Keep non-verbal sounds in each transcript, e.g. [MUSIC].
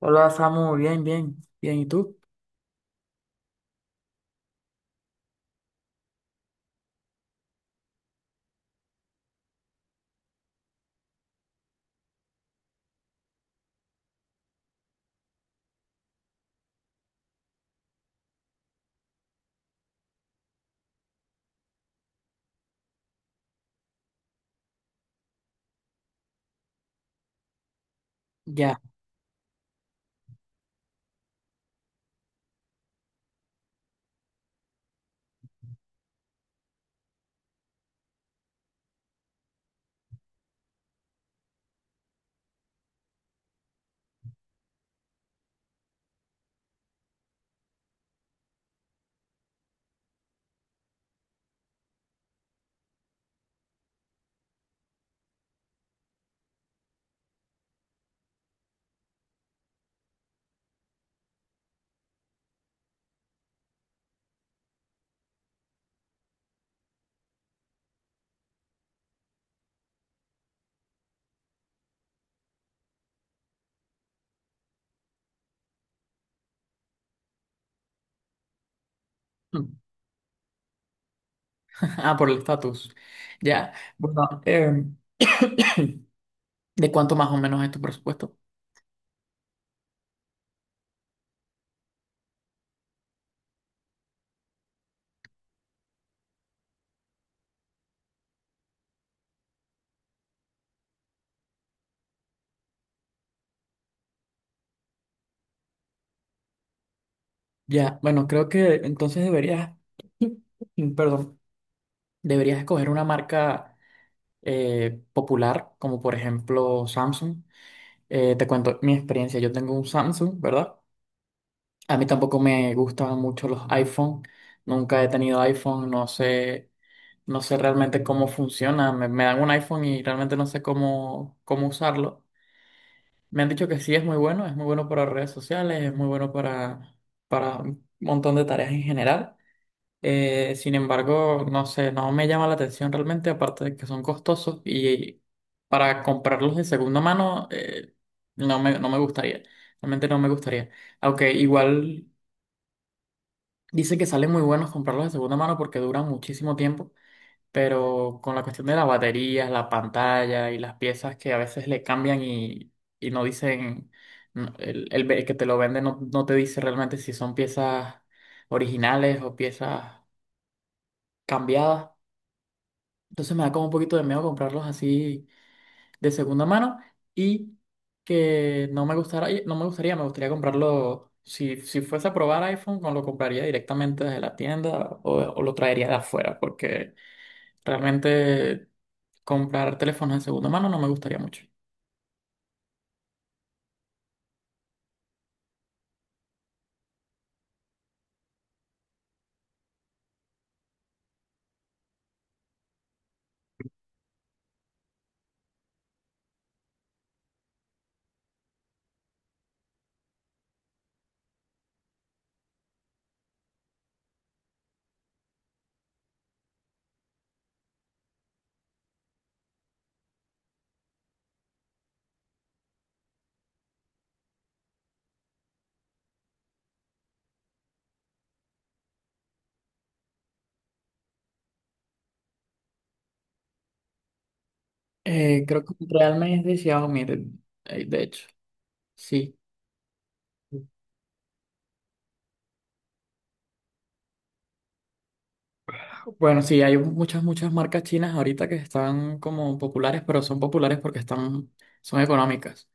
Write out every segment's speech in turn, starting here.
Hola Samu, bien, bien, bien, ¿y tú? Ya. [LAUGHS] Ah, por el estatus. Ya. Bueno, [COUGHS] [CLEARS THROAT] ¿de cuánto más o menos es tu presupuesto? Ya. Bueno, creo que entonces deberías, [COUGHS] [CLEARS THROAT] perdón, deberías escoger una marca popular, como por ejemplo Samsung. Te cuento mi experiencia. Yo tengo un Samsung, ¿verdad? A mí tampoco me gustan mucho los iPhone. Nunca he tenido iPhone, no sé. No sé realmente cómo funciona. Me dan un iPhone y realmente no sé cómo usarlo. Me han dicho que sí es muy bueno para redes sociales, es muy bueno para un montón de tareas en general. Sin embargo, no sé, no me llama la atención realmente, aparte de que son costosos y para comprarlos de segunda mano no me gustaría. Realmente no me gustaría. Aunque igual dicen que salen muy buenos comprarlos de segunda mano porque duran muchísimo tiempo, pero con la cuestión de las baterías, la pantalla y las piezas que a veces le cambian y no dicen, no, el, el que te lo vende no te dice realmente si son piezas originales o piezas cambiadas. Entonces me da como un poquito de miedo comprarlos así de segunda mano y que no me gustara, no me gustaría, me gustaría comprarlo. Si fuese a probar iPhone, no lo compraría directamente desde la tienda o lo traería de afuera, porque realmente comprar teléfonos de segunda mano no me gustaría mucho. Creo que realmente es de Xiaomi, de hecho. Sí. Bueno, sí, hay muchas, muchas marcas chinas ahorita que están como populares, pero son populares porque están, son económicas.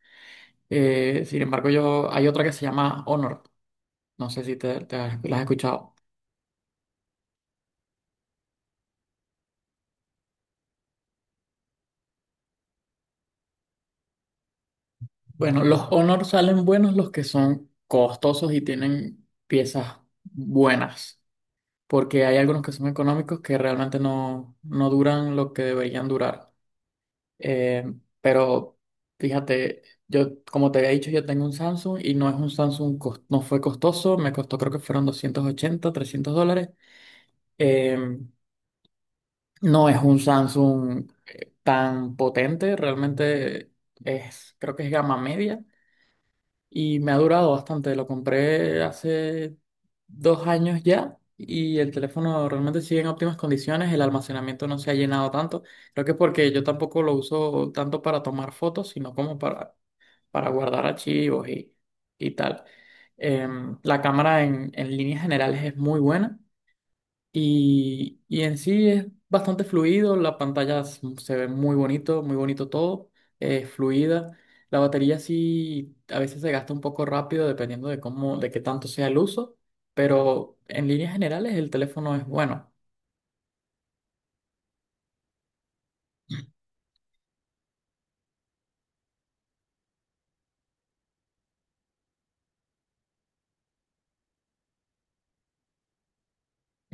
Sin embargo, yo, hay otra que se llama Honor. No sé si la has escuchado. Bueno, los Honor salen buenos los que son costosos y tienen piezas buenas, porque hay algunos que son económicos que realmente no duran lo que deberían durar. Eh, pero fíjate, yo como te había dicho, yo tengo un Samsung y no es un Samsung, no fue costoso, me costó creo que fueron 280, 300 dólares. Eh, no es un Samsung tan potente, realmente es, creo que es gama media, y me ha durado bastante. Lo compré hace 2 años ya y el teléfono realmente sigue en óptimas condiciones. El almacenamiento no se ha llenado tanto. Creo que es porque yo tampoco lo uso tanto para tomar fotos, sino como para guardar archivos y tal. La cámara en líneas generales es muy buena. Y, en sí es bastante fluido, la pantalla se ve muy bonito todo, es fluida. La batería sí a veces se gasta un poco rápido dependiendo de cómo, de qué tanto sea el uso, pero en líneas generales el teléfono es bueno.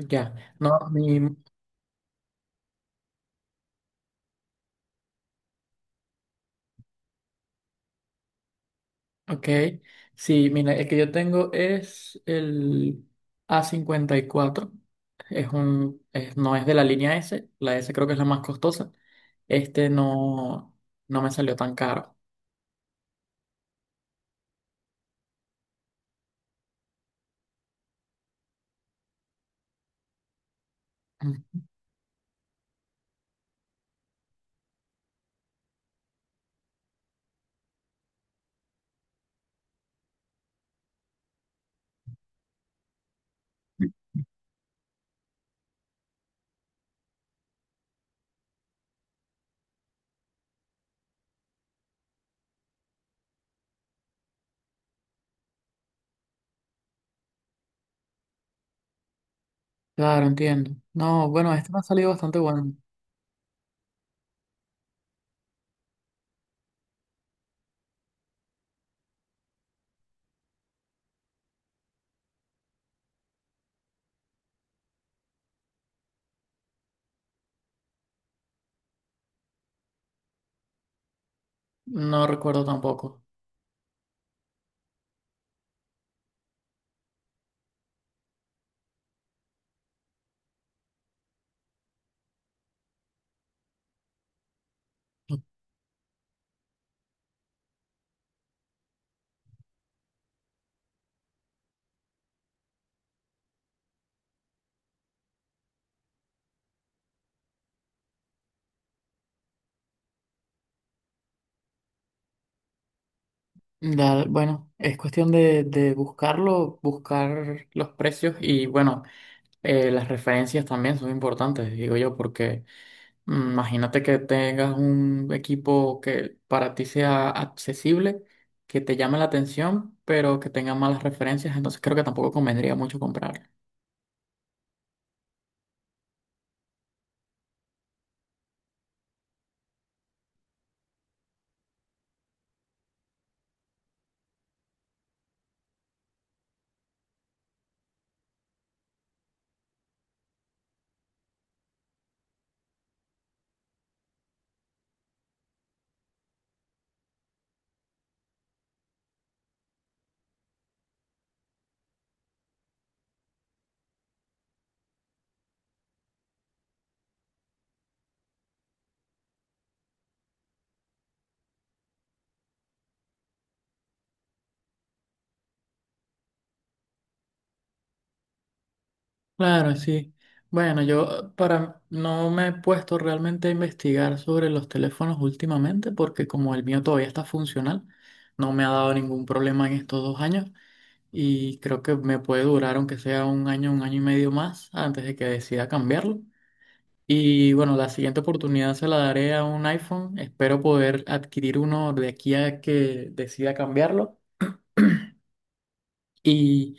Ya, no, mi, ok, sí, mira, el que yo tengo es el A54. No es de la línea S, la S creo que es la más costosa. Este no, no me salió tan caro. Mm. Claro, entiendo. No, bueno, este me ha salido bastante bueno. No recuerdo tampoco. Dale, bueno, es cuestión de, buscarlo, buscar los precios y bueno, las referencias también son importantes, digo yo, porque… mm, imagínate que tengas un equipo que para ti sea accesible, que te llame la atención, pero que tenga malas referencias. Entonces creo que tampoco convendría mucho comprarlo. Claro, sí. Bueno, yo para no me he puesto realmente a investigar sobre los teléfonos últimamente porque como el mío todavía está funcional, no me ha dado ningún problema en estos 2 años, y creo que me puede durar aunque sea un año y medio más antes de que decida cambiarlo. Y bueno, la siguiente oportunidad se la daré a un iPhone. Espero poder adquirir uno de aquí a que decida cambiarlo. Y,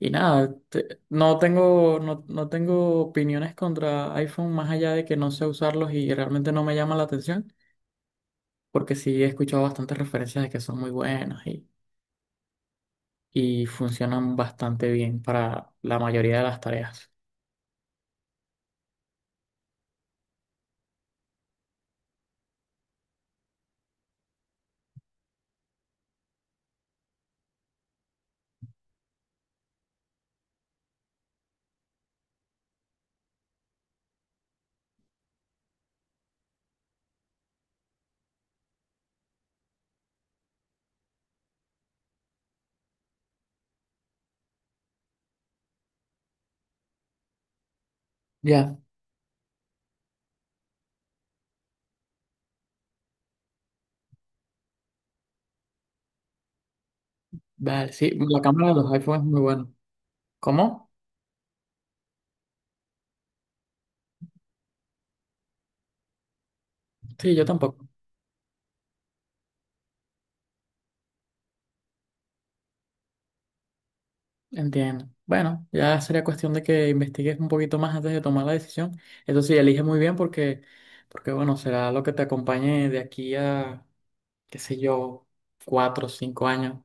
y nada, no tengo, no tengo opiniones contra iPhone más allá de que no sé usarlos y realmente no me llama la atención, porque sí he escuchado bastantes referencias de que son muy buenos y funcionan bastante bien para la mayoría de las tareas. Ya, vale, sí, la cámara de los iPhones es muy buena. ¿Cómo? Sí, yo tampoco. Entiendo. Bueno, ya sería cuestión de que investigues un poquito más antes de tomar la decisión. Eso sí, elige muy bien porque, porque bueno, será lo que te acompañe de aquí a, qué sé yo, 4 o 5 años.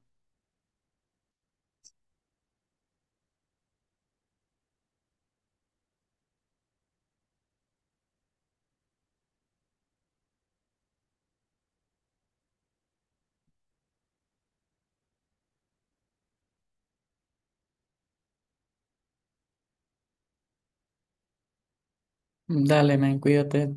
Dale, men, cuídate.